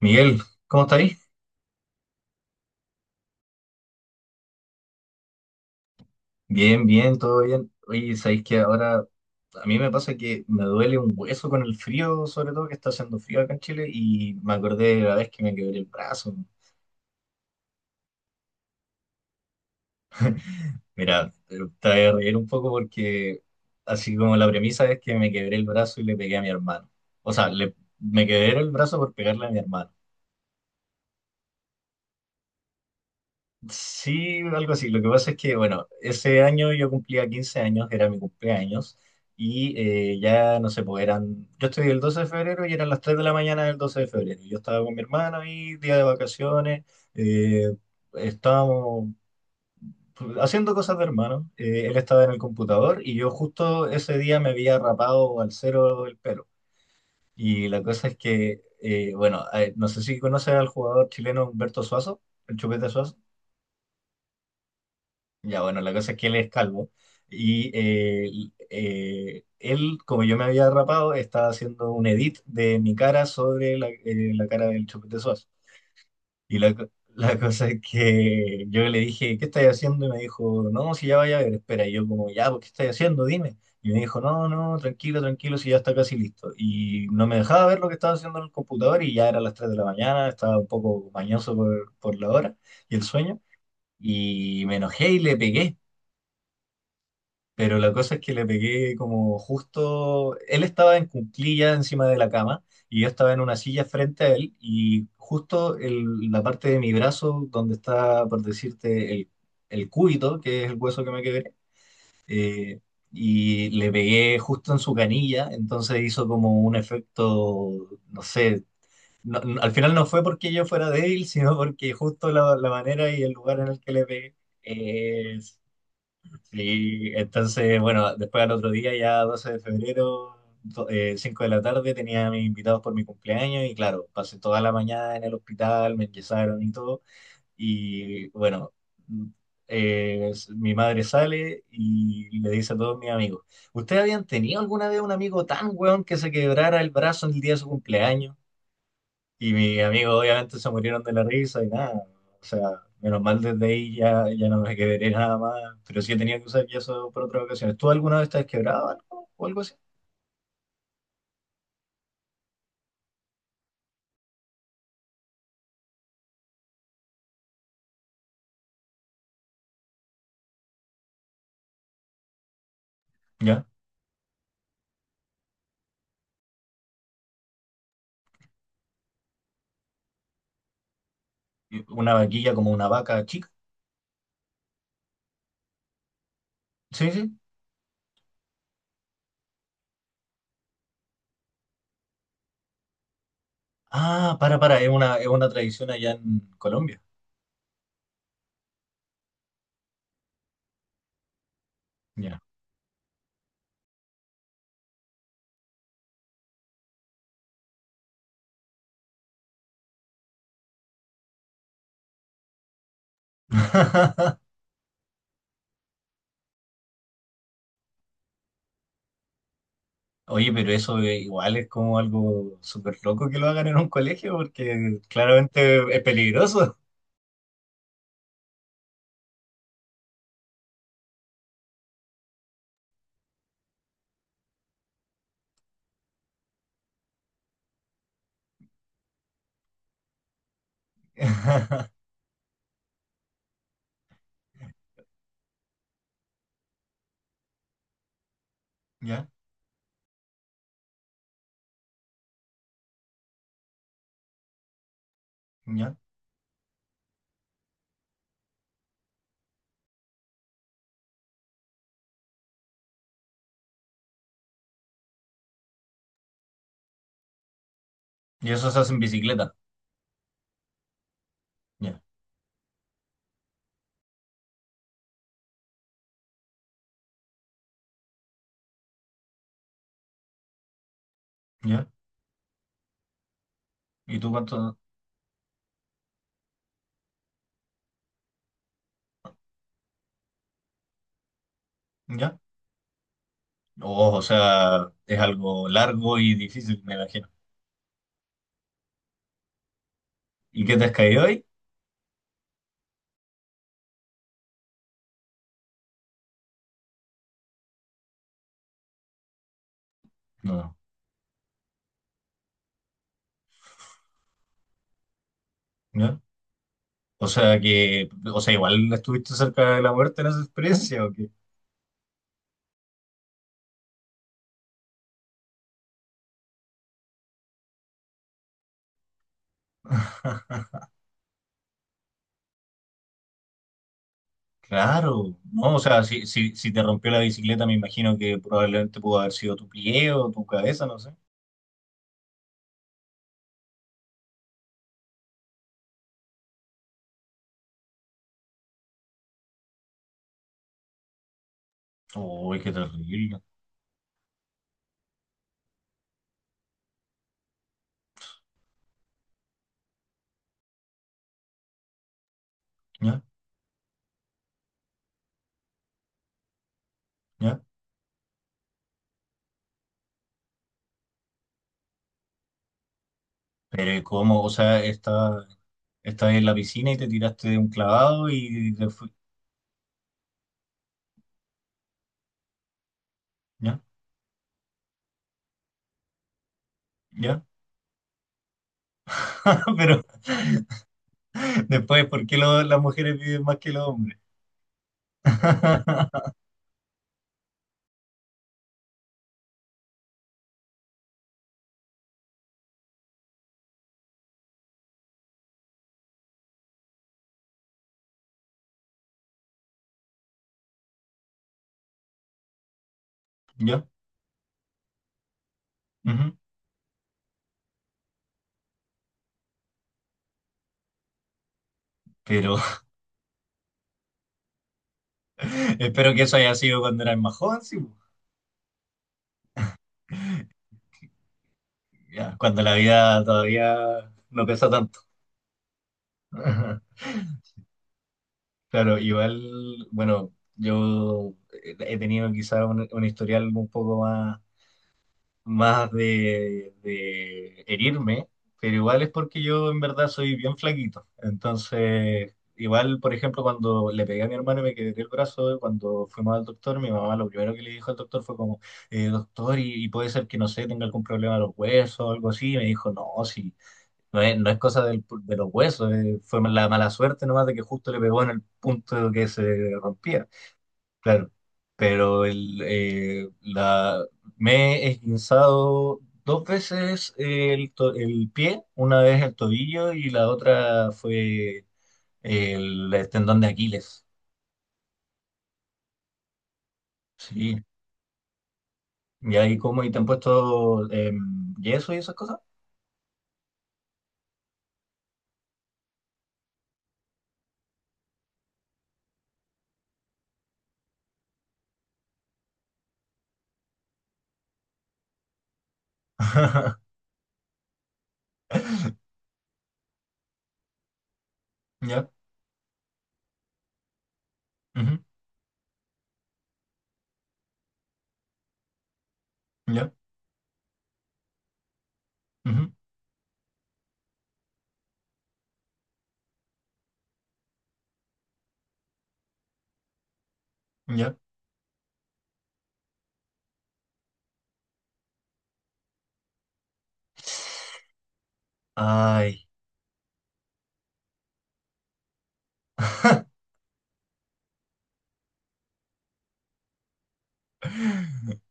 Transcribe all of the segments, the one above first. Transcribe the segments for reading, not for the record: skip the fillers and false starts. Miguel, ¿cómo estáis? Bien, bien, todo bien. Oye, sabéis que ahora a mí me pasa que me duele un hueso con el frío, sobre todo que está haciendo frío acá en Chile, y me acordé de la vez que me quebré el brazo. Mira, te voy a reír un poco porque así como la premisa es que me quebré el brazo y le pegué a mi hermano. O sea, le, me quebré el brazo por pegarle a mi hermano. Sí, algo así. Lo que pasa es que, bueno, ese año yo cumplía 15 años, era mi cumpleaños, y ya no sé, pues eran, yo estoy el 12 de febrero y eran las 3 de la mañana del 12 de febrero. Yo estaba con mi hermano ahí, día de vacaciones, eh, estábamos haciendo cosas de hermano. Él estaba en el computador y yo justo ese día me había rapado al cero el pelo. Y la cosa es que, bueno, no sé si conoces al jugador chileno Humberto Suazo, el Chupete Suazo. Ya, bueno, la cosa es que él es calvo y él, como yo me había rapado, estaba haciendo un edit de mi cara sobre la, la cara del Chupete Suazo. Y la, la cosa es que yo le dije, ¿qué estás haciendo? Y me dijo, no, si ya vaya a ver, espera. Y yo como, ya, pues, ¿qué estás haciendo? Dime. Y me dijo, no, no, tranquilo, tranquilo, si ya está casi listo. Y no me dejaba ver lo que estaba haciendo en el computador y ya era las 3 de la mañana, estaba un poco mañoso por la hora y el sueño. Y me enojé y le pegué. Pero la cosa es que le pegué como justo, él estaba en cuclilla encima de la cama y yo estaba en una silla frente a él y justo la parte de mi brazo donde está, por decirte, el cúbito, que es el hueso que me quebré, eh, y le pegué justo en su canilla, entonces hizo como un efecto, no sé, al final no fue porque yo fuera débil, sino porque justo la, la manera y el lugar en el que le pegué. Sí, entonces, bueno, después al otro día, ya 12 de febrero, 5 de la tarde, tenía a mis invitados por mi cumpleaños y claro, pasé toda la mañana en el hospital, me enyesaron y todo. Y bueno, mm, mi madre sale y le dice a todos mis amigos, ¿ustedes habían tenido alguna vez un amigo tan weón que se quebrara el brazo en el día de su cumpleaños? Y mis amigos obviamente se murieron de la risa y nada. O sea, menos mal desde ahí ya, ya no me quebré nada más. Pero sí he tenido que usar yeso por otras ocasiones. ¿Tú alguna vez te has quebrado algo o algo así? ¿Ya? ¿Una vaquilla como una vaca chica? Sí, sí. Ah, para, es una tradición allá en Colombia. Ya. Oye, pero eso igual es como algo súper loco que lo hagan en un colegio porque claramente es peligroso. Ya, ya. Y eso se hace en bicicleta. Ya, ya. ¿Y tú cuánto? ¿Ya? Oh, o sea, es algo largo y difícil, me imagino. ¿Y qué te has caído ahí? No, ¿ya? O sea que, o sea, igual estuviste cerca de la muerte en esa experiencia, ¿o qué? Claro, no, o sea, si, si, si te rompió la bicicleta, me imagino que probablemente pudo haber sido tu pie o tu cabeza, no sé. Uy, qué terrible. ¿Ya? ¿Ya? Pero ¿y ¿cómo? O sea, está, estás en la piscina y te tiraste de un clavado y te fui. ¿Ya? ¿Ya? Pero, después, ¿por qué las mujeres viven más que los hombres? ¿Ya? Ujú. Pero espero que eso haya sido cuando eras más joven, sí, po. Ya, cuando la vida todavía no pesa tanto. Claro, igual, bueno, yo he tenido quizás un historial un poco más más de herirme, pero igual es porque yo en verdad soy bien flaquito. Entonces, igual, por ejemplo, cuando le pegué a mi hermano y me quebré el brazo, cuando fuimos al doctor, mi mamá lo primero que le dijo al doctor fue como, doctor, y puede ser que, no sé, tenga algún problema de los huesos o algo así. Y me dijo, no, sí, no es, no es cosa de los huesos, fue la mala suerte nomás de que justo le pegó en el punto que se rompía claro. Pero el, la, me he esguinzado dos veces el, el pie, una vez el tobillo y la otra fue el tendón de Aquiles. Sí. ¿Y ahí cómo? ¿Y te han puesto yeso y esas cosas? Ya, ujú, ya, ujú, ya. Ay.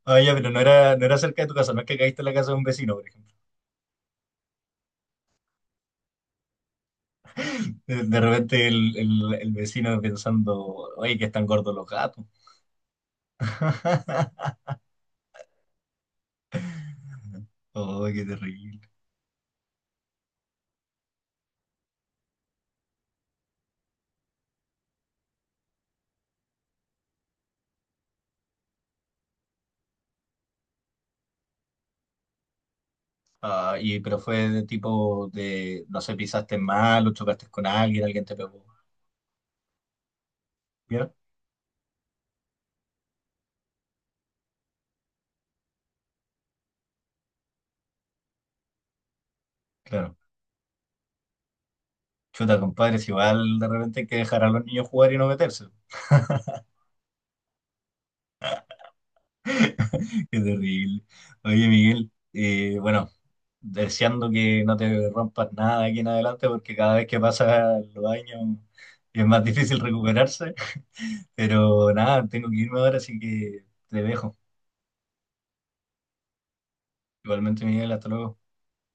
Ay, ya, pero no era, no era cerca de tu casa, no es que caíste en la casa de un vecino, por ejemplo. De repente el, el vecino pensando, oye, que están gordos los gatos. Oh, qué terrible. Ah, y, pero fue de tipo de, no sé, pisaste mal o chocaste con alguien, alguien te pegó. ¿Vieron? Claro. Chuta, compadres, igual de repente hay que dejar a los niños jugar y no meterse. Qué terrible. Oye, Miguel, bueno, deseando que no te rompas nada de aquí en adelante, porque cada vez que pasan los años es más difícil recuperarse. Pero nada, tengo que irme ahora, así que te dejo. Igualmente, Miguel, hasta luego.